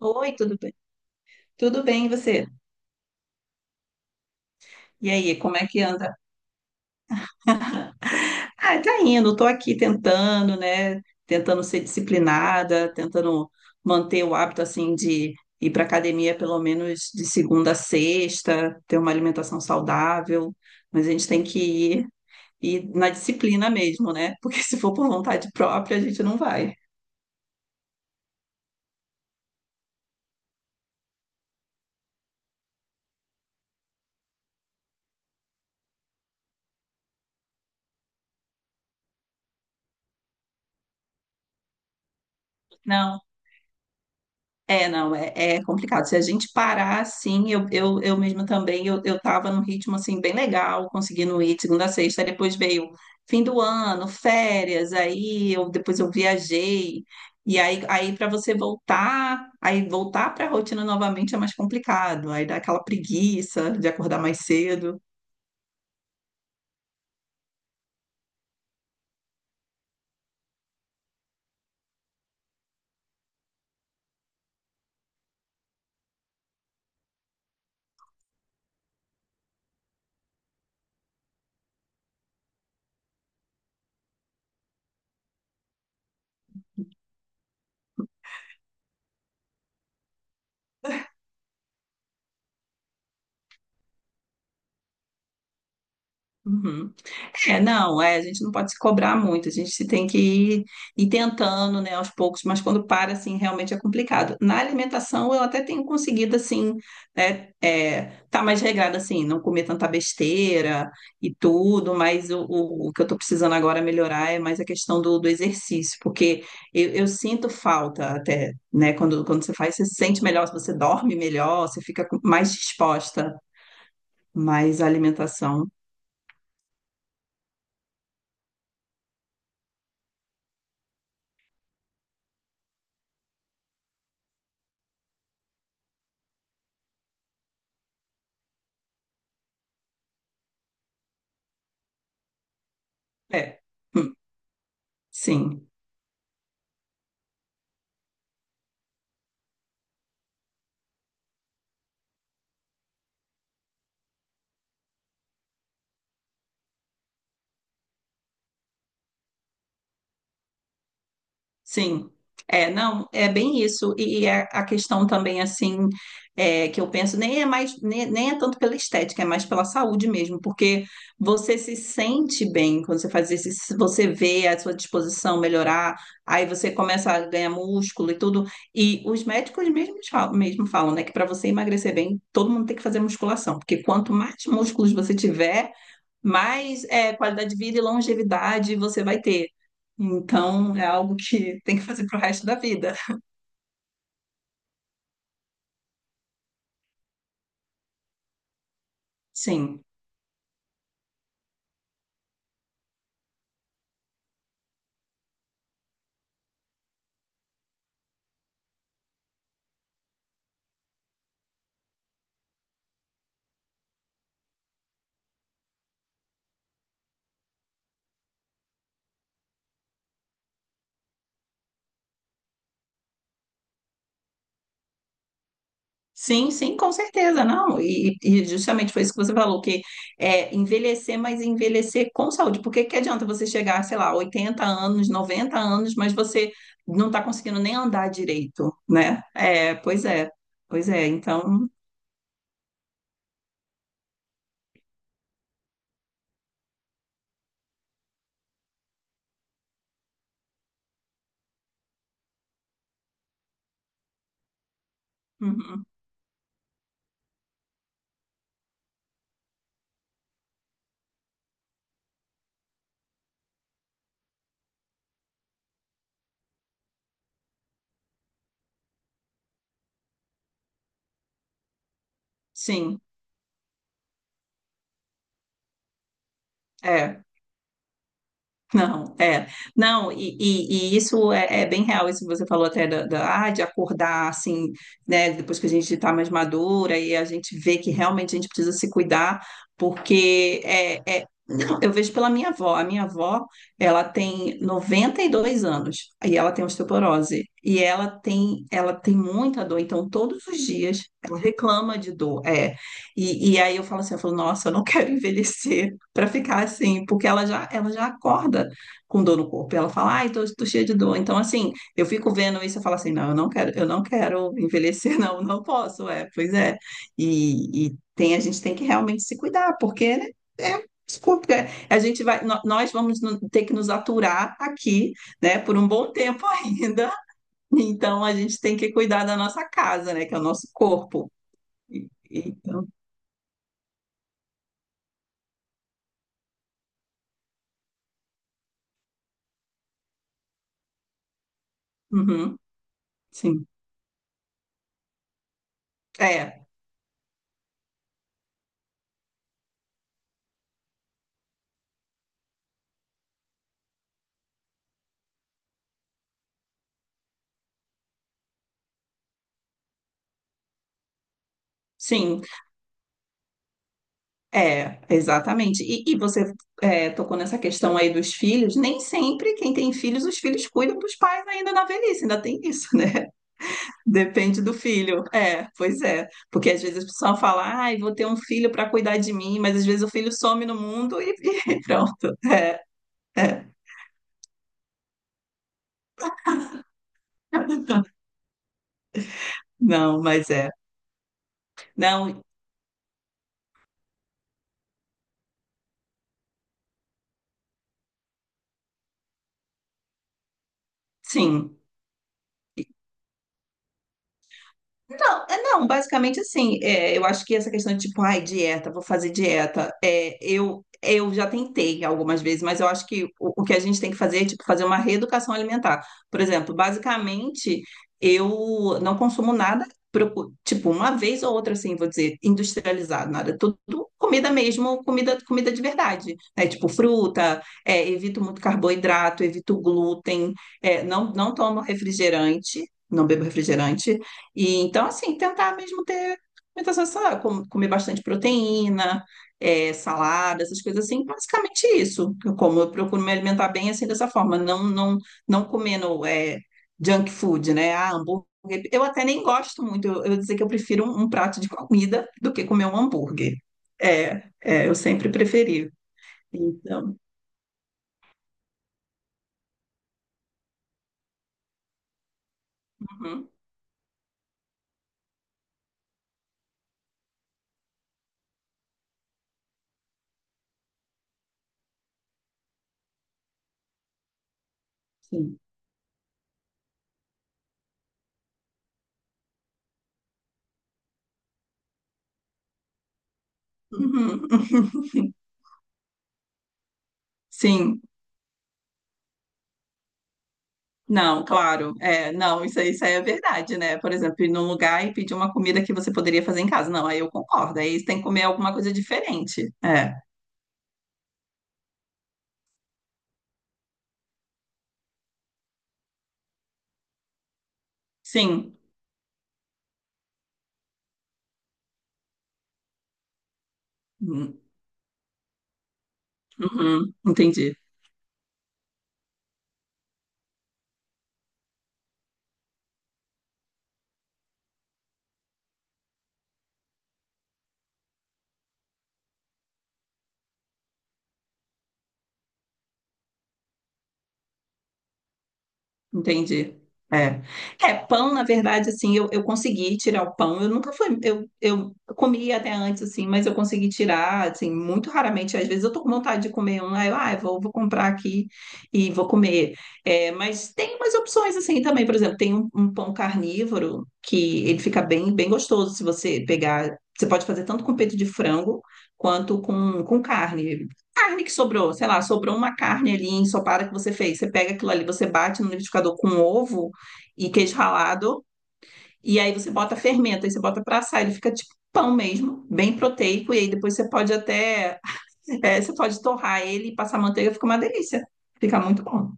Oi, tudo bem? Tudo bem, e você? E aí, como é que anda? Ah, tá indo, tô aqui tentando, né? Tentando ser disciplinada, tentando manter o hábito assim de ir para academia pelo menos de segunda a sexta, ter uma alimentação saudável, mas a gente tem que ir na disciplina mesmo, né? Porque se for por vontade própria, a gente não vai. Não. É, não, é complicado. Se a gente parar assim, eu mesmo também, eu tava num ritmo assim bem legal, conseguindo ir de segunda a sexta, aí depois veio fim do ano, férias, aí eu depois eu viajei. E aí, para você voltar, aí voltar para a rotina novamente é mais complicado. Aí dá aquela preguiça de acordar mais cedo. Uhum. É, não, é, a gente não pode se cobrar muito, a gente se tem que ir tentando, né, aos poucos, mas quando para, assim, realmente é complicado. Na alimentação, eu até tenho conseguido, assim, né, é, tá mais regrada, assim, não comer tanta besteira e tudo, mas o que eu tô precisando agora melhorar é mais a questão do exercício, porque eu sinto falta até, né, quando você faz, você se sente melhor, você dorme melhor, você fica com- mais disposta, mas a alimentação, é. Hum. Sim, sim. É, não, é bem isso. E a questão também, assim, é, que eu penso, nem é mais, nem é tanto pela estética, é mais pela saúde mesmo, porque você se sente bem quando você faz isso, você vê a sua disposição melhorar, aí você começa a ganhar músculo e tudo. E os médicos mesmo falam, né, que para você emagrecer bem, todo mundo tem que fazer musculação, porque quanto mais músculos você tiver, mais é, qualidade de vida e longevidade você vai ter. Então, é algo que tem que fazer para o resto da vida. Sim. Sim, sim, com certeza, não. E justamente foi isso que você falou, que é envelhecer, mas envelhecer com saúde. Porque que adianta você chegar, sei lá, 80 anos, 90 anos, mas você não está conseguindo nem andar direito, né? É, pois é, pois é. Então, uhum, sim, é. Não, é. Não, e isso é, é bem real, isso que você falou até de acordar assim, né? Depois que a gente está mais madura e a gente vê que realmente a gente precisa se cuidar, porque não, eu vejo pela minha avó. A minha avó, ela tem 92 anos e ela tem osteoporose. E ela tem muita dor, então todos os dias ela reclama de dor. É. E aí eu falo assim, eu falo, nossa, eu não quero envelhecer para ficar assim, porque ela já acorda com dor no corpo. E ela fala, ai, tô, tô cheia de dor. Então, assim, eu fico vendo isso e falo assim, não, eu não quero envelhecer, não, não posso, é, pois é. E tem, a gente tem que realmente se cuidar, porque né, é, desculpa, é, a gente vai, nó- nós vamos ter que nos aturar aqui, né, por um bom tempo ainda. Então, a gente tem que cuidar da nossa casa, né, que é o nosso corpo. Então, uhum, sim, é, sim. É, exatamente. E você tocou nessa questão aí dos filhos. Nem sempre quem tem filhos, os filhos cuidam dos pais ainda na velhice, ainda tem isso, né? Depende do filho. É, pois é. Porque às vezes as pessoas falam, ai, vou ter um filho para cuidar de mim, mas às vezes o filho some no mundo e, e pronto. É, é. Não, mas é. Não, sim. Não, é, não, basicamente assim, é, eu acho que essa questão de tipo, ai, dieta, vou fazer dieta, é, eu já tentei algumas vezes, mas eu acho que o que a gente tem que fazer é tipo, fazer uma reeducação alimentar. Por exemplo, basicamente, eu não consumo nada, tipo, uma vez ou outra, assim, vou dizer, industrializado, nada, tudo comida mesmo, comida, comida de verdade, né? Tipo, fruta, é, evito muito carboidrato, evito glúten, é, não, não tomo refrigerante. Não bebo refrigerante, e então, assim, tentar mesmo ter muita sensação, comer bastante proteína, é, salada, essas coisas assim, basicamente isso. Eu como, eu procuro me alimentar bem assim dessa forma, não comendo é, junk food, né? Ah, hambúrguer. Eu até nem gosto muito, eu dizer que eu prefiro um prato de comida do que comer um hambúrguer. É, é, eu sempre preferi. Então, uhum, sim. Uhum. Sim. Não, claro. É, não, isso aí é verdade, né? Por exemplo, ir num lugar e pedir uma comida que você poderia fazer em casa. Não, aí eu concordo. Aí você tem que comer alguma coisa diferente. É, sim. Uhum, uhum, entendi. Entendi. É. É, pão, na verdade, assim, eu consegui tirar o pão. Eu nunca fui, eu comia até antes, assim, mas eu consegui tirar, assim, muito raramente. Às vezes eu tô com vontade de comer um, aí eu, ah, eu vou comprar aqui e vou comer. É, mas tem umas opções, assim, também. Por exemplo, tem um pão carnívoro que ele fica bem, bem gostoso se você pegar. Você pode fazer tanto com peito de frango quanto com carne que sobrou, sei lá, sobrou uma carne ali ensopada que você fez. Você pega aquilo ali, você bate no liquidificador com ovo e queijo ralado, e aí você bota fermento, aí você bota pra assar, ele fica tipo pão mesmo, bem proteico, e aí depois você pode até, é, você pode torrar ele e passar manteiga, fica uma delícia. Fica muito bom.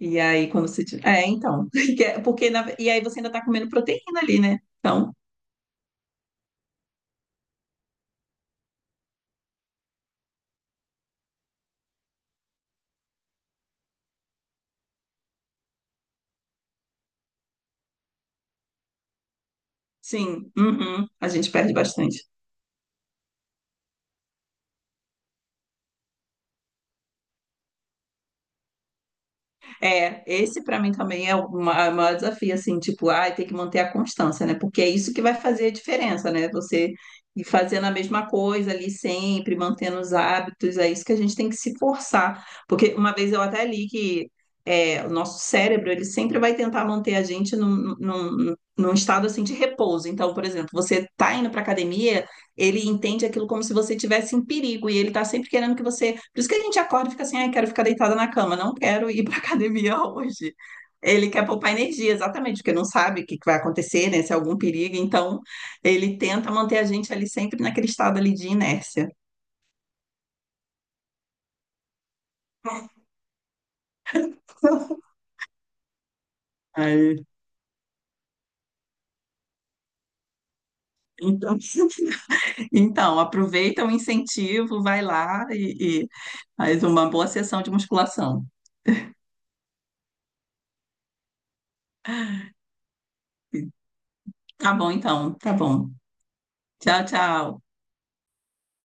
E aí quando você tira... É, então, que é- porque na- e aí você ainda tá comendo proteína ali, né? Então, sim, uhum, a gente perde bastante. É, esse para mim também é o é o maior desafio, assim, tipo, ai, tem que manter a constância, né? Porque é isso que vai fazer a diferença, né? Você ir fazendo a mesma coisa ali sempre, mantendo os hábitos, é isso que a gente tem que se forçar. Porque uma vez eu até li que é, o nosso cérebro, ele sempre vai tentar manter a gente num estado, assim, de repouso. Então, por exemplo, você tá indo para academia ele entende aquilo como se você estivesse em perigo e ele está sempre querendo que você. Por isso que a gente acorda e fica assim, ai, quero ficar deitada na cama, não quero ir pra academia hoje. Ele quer poupar energia, exatamente, porque não sabe o que que vai acontecer, né? Se é algum perigo, então ele tenta manter a gente ali sempre naquele estado ali de inércia. Aí, então, então, aproveita o incentivo, vai lá e, faz uma boa sessão de musculação. Tá bom, então, tá bom. Tchau, tchau.